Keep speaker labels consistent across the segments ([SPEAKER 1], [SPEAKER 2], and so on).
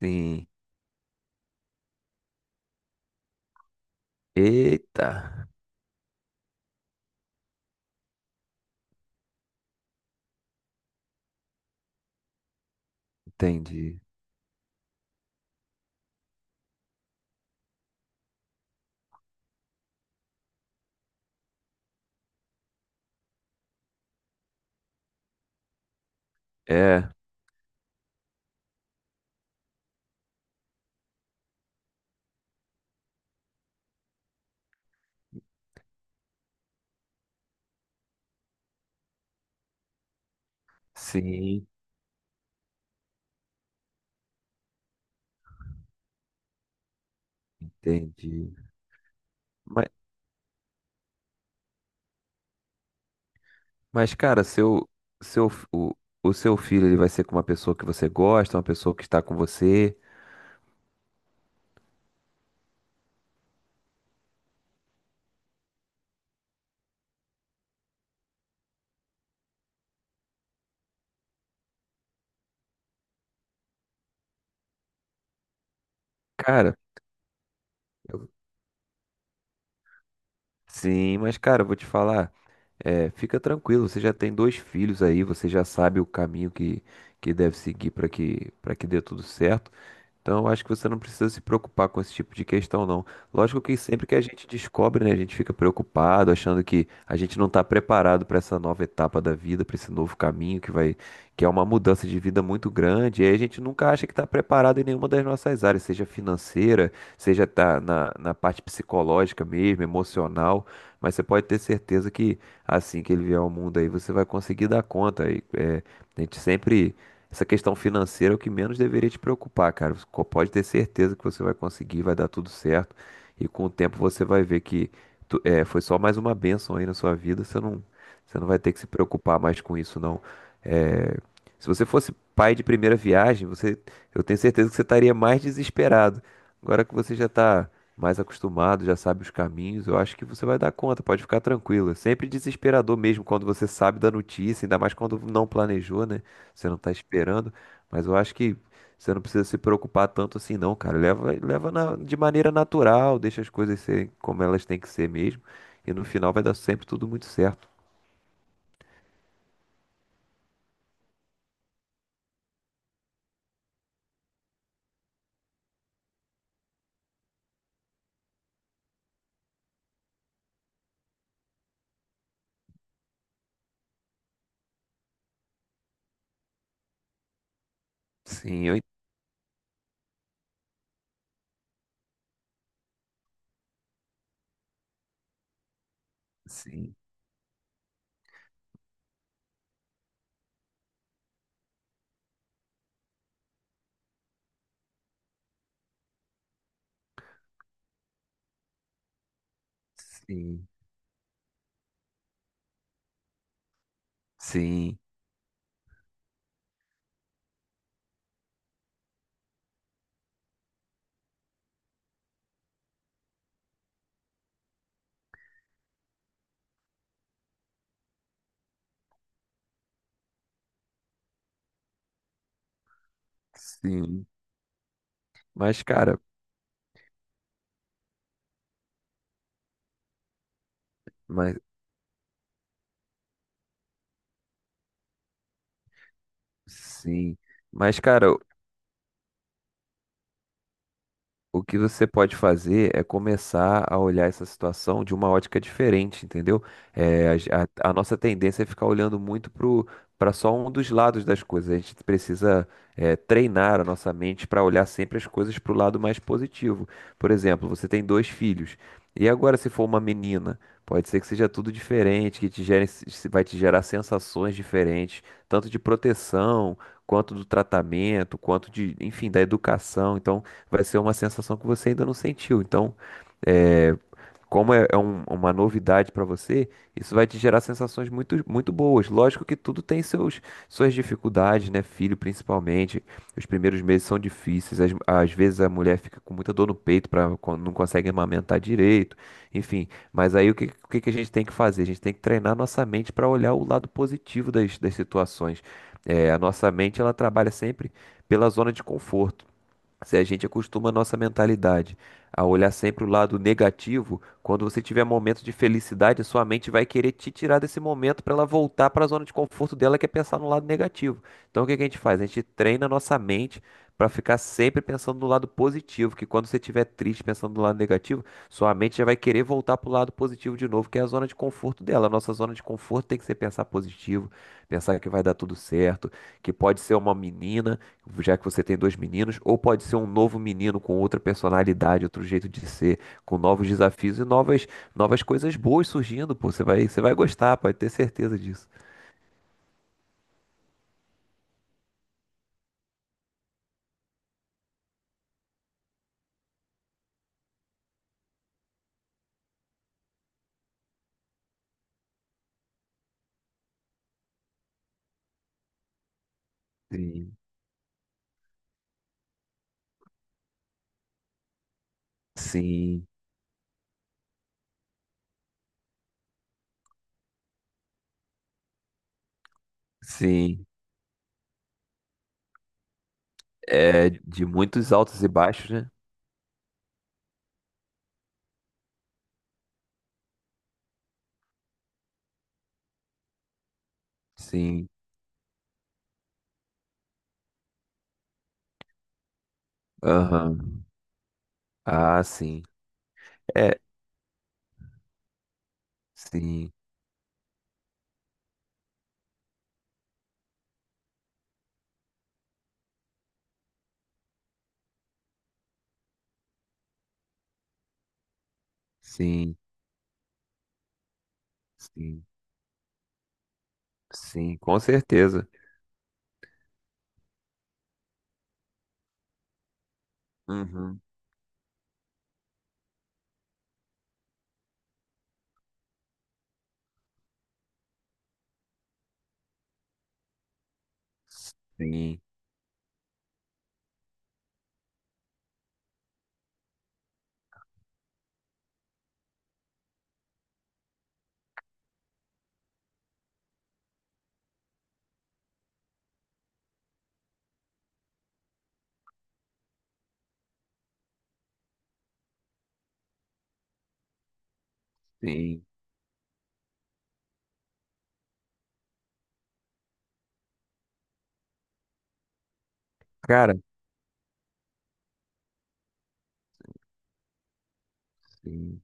[SPEAKER 1] Sim. Eita, entendi. É, sim, entendi. Mas, mas cara, seu, o, o seu filho ele vai ser com uma pessoa que você gosta, uma pessoa que está com você. Cara, eu- sim, mas, cara, eu vou te falar, fica tranquilo, você já tem dois filhos aí, você já sabe o caminho que deve seguir para que dê tudo certo. Então, eu acho que você não precisa se preocupar com esse tipo de questão, não. Lógico que sempre que a gente descobre, né, a gente fica preocupado, achando que a gente não está preparado para essa nova etapa da vida, para esse novo caminho que é uma mudança de vida muito grande. E aí a gente nunca acha que está preparado em nenhuma das nossas áreas, seja financeira, seja tá na parte psicológica mesmo, emocional. Mas você pode ter certeza que assim que ele vier ao mundo aí, você vai conseguir dar conta. E, é, a gente sempre essa questão financeira é o que menos deveria te preocupar, cara. Você pode ter certeza que você vai conseguir, vai dar tudo certo. E com o tempo você vai ver que foi só mais uma bênção aí na sua vida. Você não vai ter que se preocupar mais com isso, não. É, se você fosse pai de primeira viagem, eu tenho certeza que você estaria mais desesperado. Agora que você já está mais acostumado, já sabe os caminhos, eu acho que você vai dar conta, pode ficar tranquilo. É sempre desesperador mesmo quando você sabe da notícia, ainda mais quando não planejou, né? Você não tá esperando, mas eu acho que você não precisa se preocupar tanto assim, não, cara. De maneira natural, deixa as coisas serem como elas têm que ser mesmo, e no final vai dar sempre tudo muito certo. Sim, sim, sim, sim, sim. Mas, cara, mas, sim. Mas, cara, o que você pode fazer é começar a olhar essa situação de uma ótica diferente, entendeu? A nossa tendência é ficar olhando para só um dos lados das coisas. A gente precisa, é, treinar a nossa mente para olhar sempre as coisas para o lado mais positivo. Por exemplo, você tem dois filhos. E agora, se for uma menina, pode ser que seja tudo diferente, que te gere, se- vai te gerar sensações diferentes, tanto de proteção, quanto do tratamento, quanto de, enfim, da educação. Então, vai ser uma sensação que você ainda não sentiu. Então, é, como é, é um- uma novidade para você, isso vai te gerar sensações muito, muito boas. Lógico que tudo tem suas dificuldades, né? Filho, principalmente. Os primeiros meses são difíceis. Às vezes a mulher fica com muita dor no peito, não consegue amamentar direito. Enfim, mas aí o que que a gente tem que fazer? A gente tem que treinar nossa mente para olhar o lado positivo das situações. É, a nossa mente ela trabalha sempre pela zona de conforto. Se a gente acostuma a nossa mentalidade a olhar sempre o lado negativo, quando você tiver momentos de felicidade, a sua mente vai querer te tirar desse momento para ela voltar para a zona de conforto dela, que é pensar no lado negativo. Então o que que a gente faz? A gente treina a nossa mente para ficar sempre pensando no lado positivo, que quando você estiver triste pensando no lado negativo, sua mente já vai querer voltar para o lado positivo de novo, que é a zona de conforto dela. A nossa zona de conforto tem que ser pensar positivo, pensar que vai dar tudo certo, que pode ser uma menina já que você tem dois meninos, ou pode ser um novo menino com outra personalidade, outro jeito de ser, com novos desafios e novas coisas boas surgindo, pô. Você vai gostar, pode ter certeza disso. Sim, sim, sim. É de muitos altos e baixos, né? Sim. Aham. Ah, sim. É, sim, sim, sim, sim, com certeza. Uhum. Sim, sim. Cara, sim.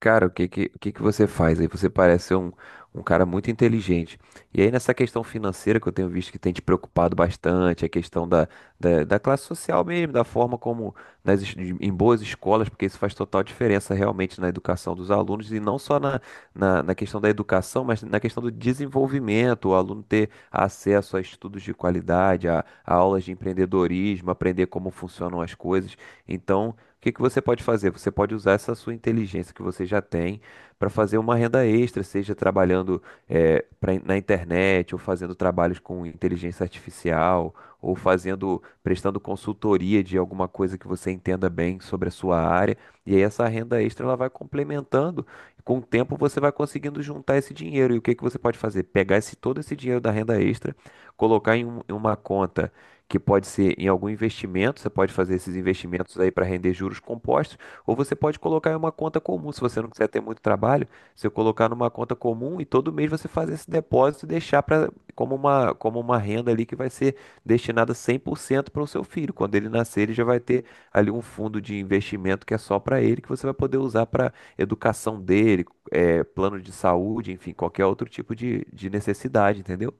[SPEAKER 1] Cara, o que que você faz? Aí você parece ser um cara muito inteligente. E aí nessa questão financeira que eu tenho visto que tem te preocupado bastante, a questão da classe social mesmo, da forma como nas, es- em boas escolas, porque isso faz total diferença realmente na educação dos alunos e não só na questão da educação, mas na questão do desenvolvimento, o aluno ter acesso a estudos de qualidade, a aulas de empreendedorismo, aprender como funcionam as coisas. Então, o que que você pode fazer? Você pode usar essa sua inteligência que você já tem para fazer uma renda extra, seja trabalhando na internet, ou fazendo trabalhos com inteligência artificial, ou prestando consultoria de alguma coisa que você entenda bem sobre a sua área. E aí essa renda extra ela vai complementando. Com o tempo você vai conseguindo juntar esse dinheiro. E o que que você pode fazer? Pegar todo esse dinheiro da renda extra, colocar em uma conta que pode ser em algum investimento, você pode fazer esses investimentos aí para render juros compostos, ou você pode colocar em uma conta comum, se você não quiser ter muito trabalho, você colocar numa conta comum e todo mês você fazer esse depósito e deixar para como uma renda ali que vai ser destinada 100% para o seu filho. Quando ele nascer, ele já vai ter ali um fundo de investimento que é só para ele, que você vai poder usar para educação dele, plano de saúde, enfim, qualquer outro tipo de necessidade, entendeu?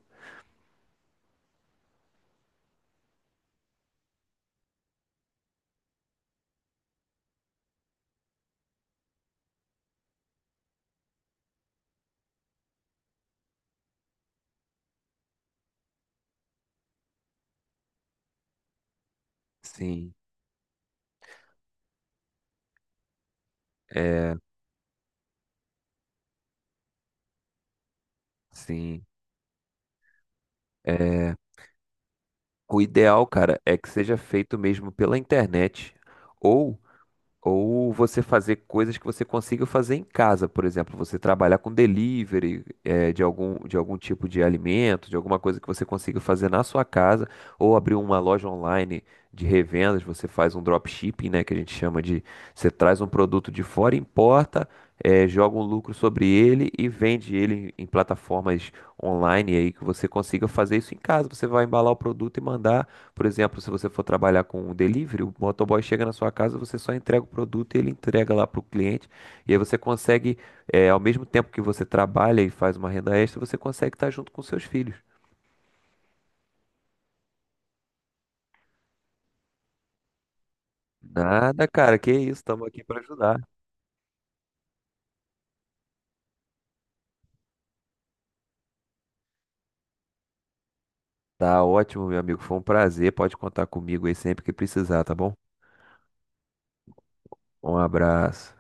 [SPEAKER 1] Sim, é, sim. é O ideal, cara, é que seja feito mesmo pela internet ou você fazer coisas que você consiga fazer em casa, por exemplo, você trabalhar com delivery de algum tipo de alimento, de alguma coisa que você consiga fazer na sua casa, ou abrir uma loja online de revendas, você faz um dropshipping, né, que a gente chama de você traz um produto de fora, importa, joga um lucro sobre ele e vende ele em plataformas online aí que você consiga fazer isso em casa, você vai embalar o produto e mandar por exemplo, se você for trabalhar com um delivery, o motoboy chega na sua casa, você só entrega o produto e ele entrega lá para o cliente. E aí você consegue, ao mesmo tempo que você trabalha e faz uma renda extra, você consegue estar junto com seus filhos. Nada, cara, que isso, estamos aqui para ajudar. Tá ótimo, meu amigo, foi um prazer. Pode contar comigo aí sempre que precisar, tá bom? Um abraço.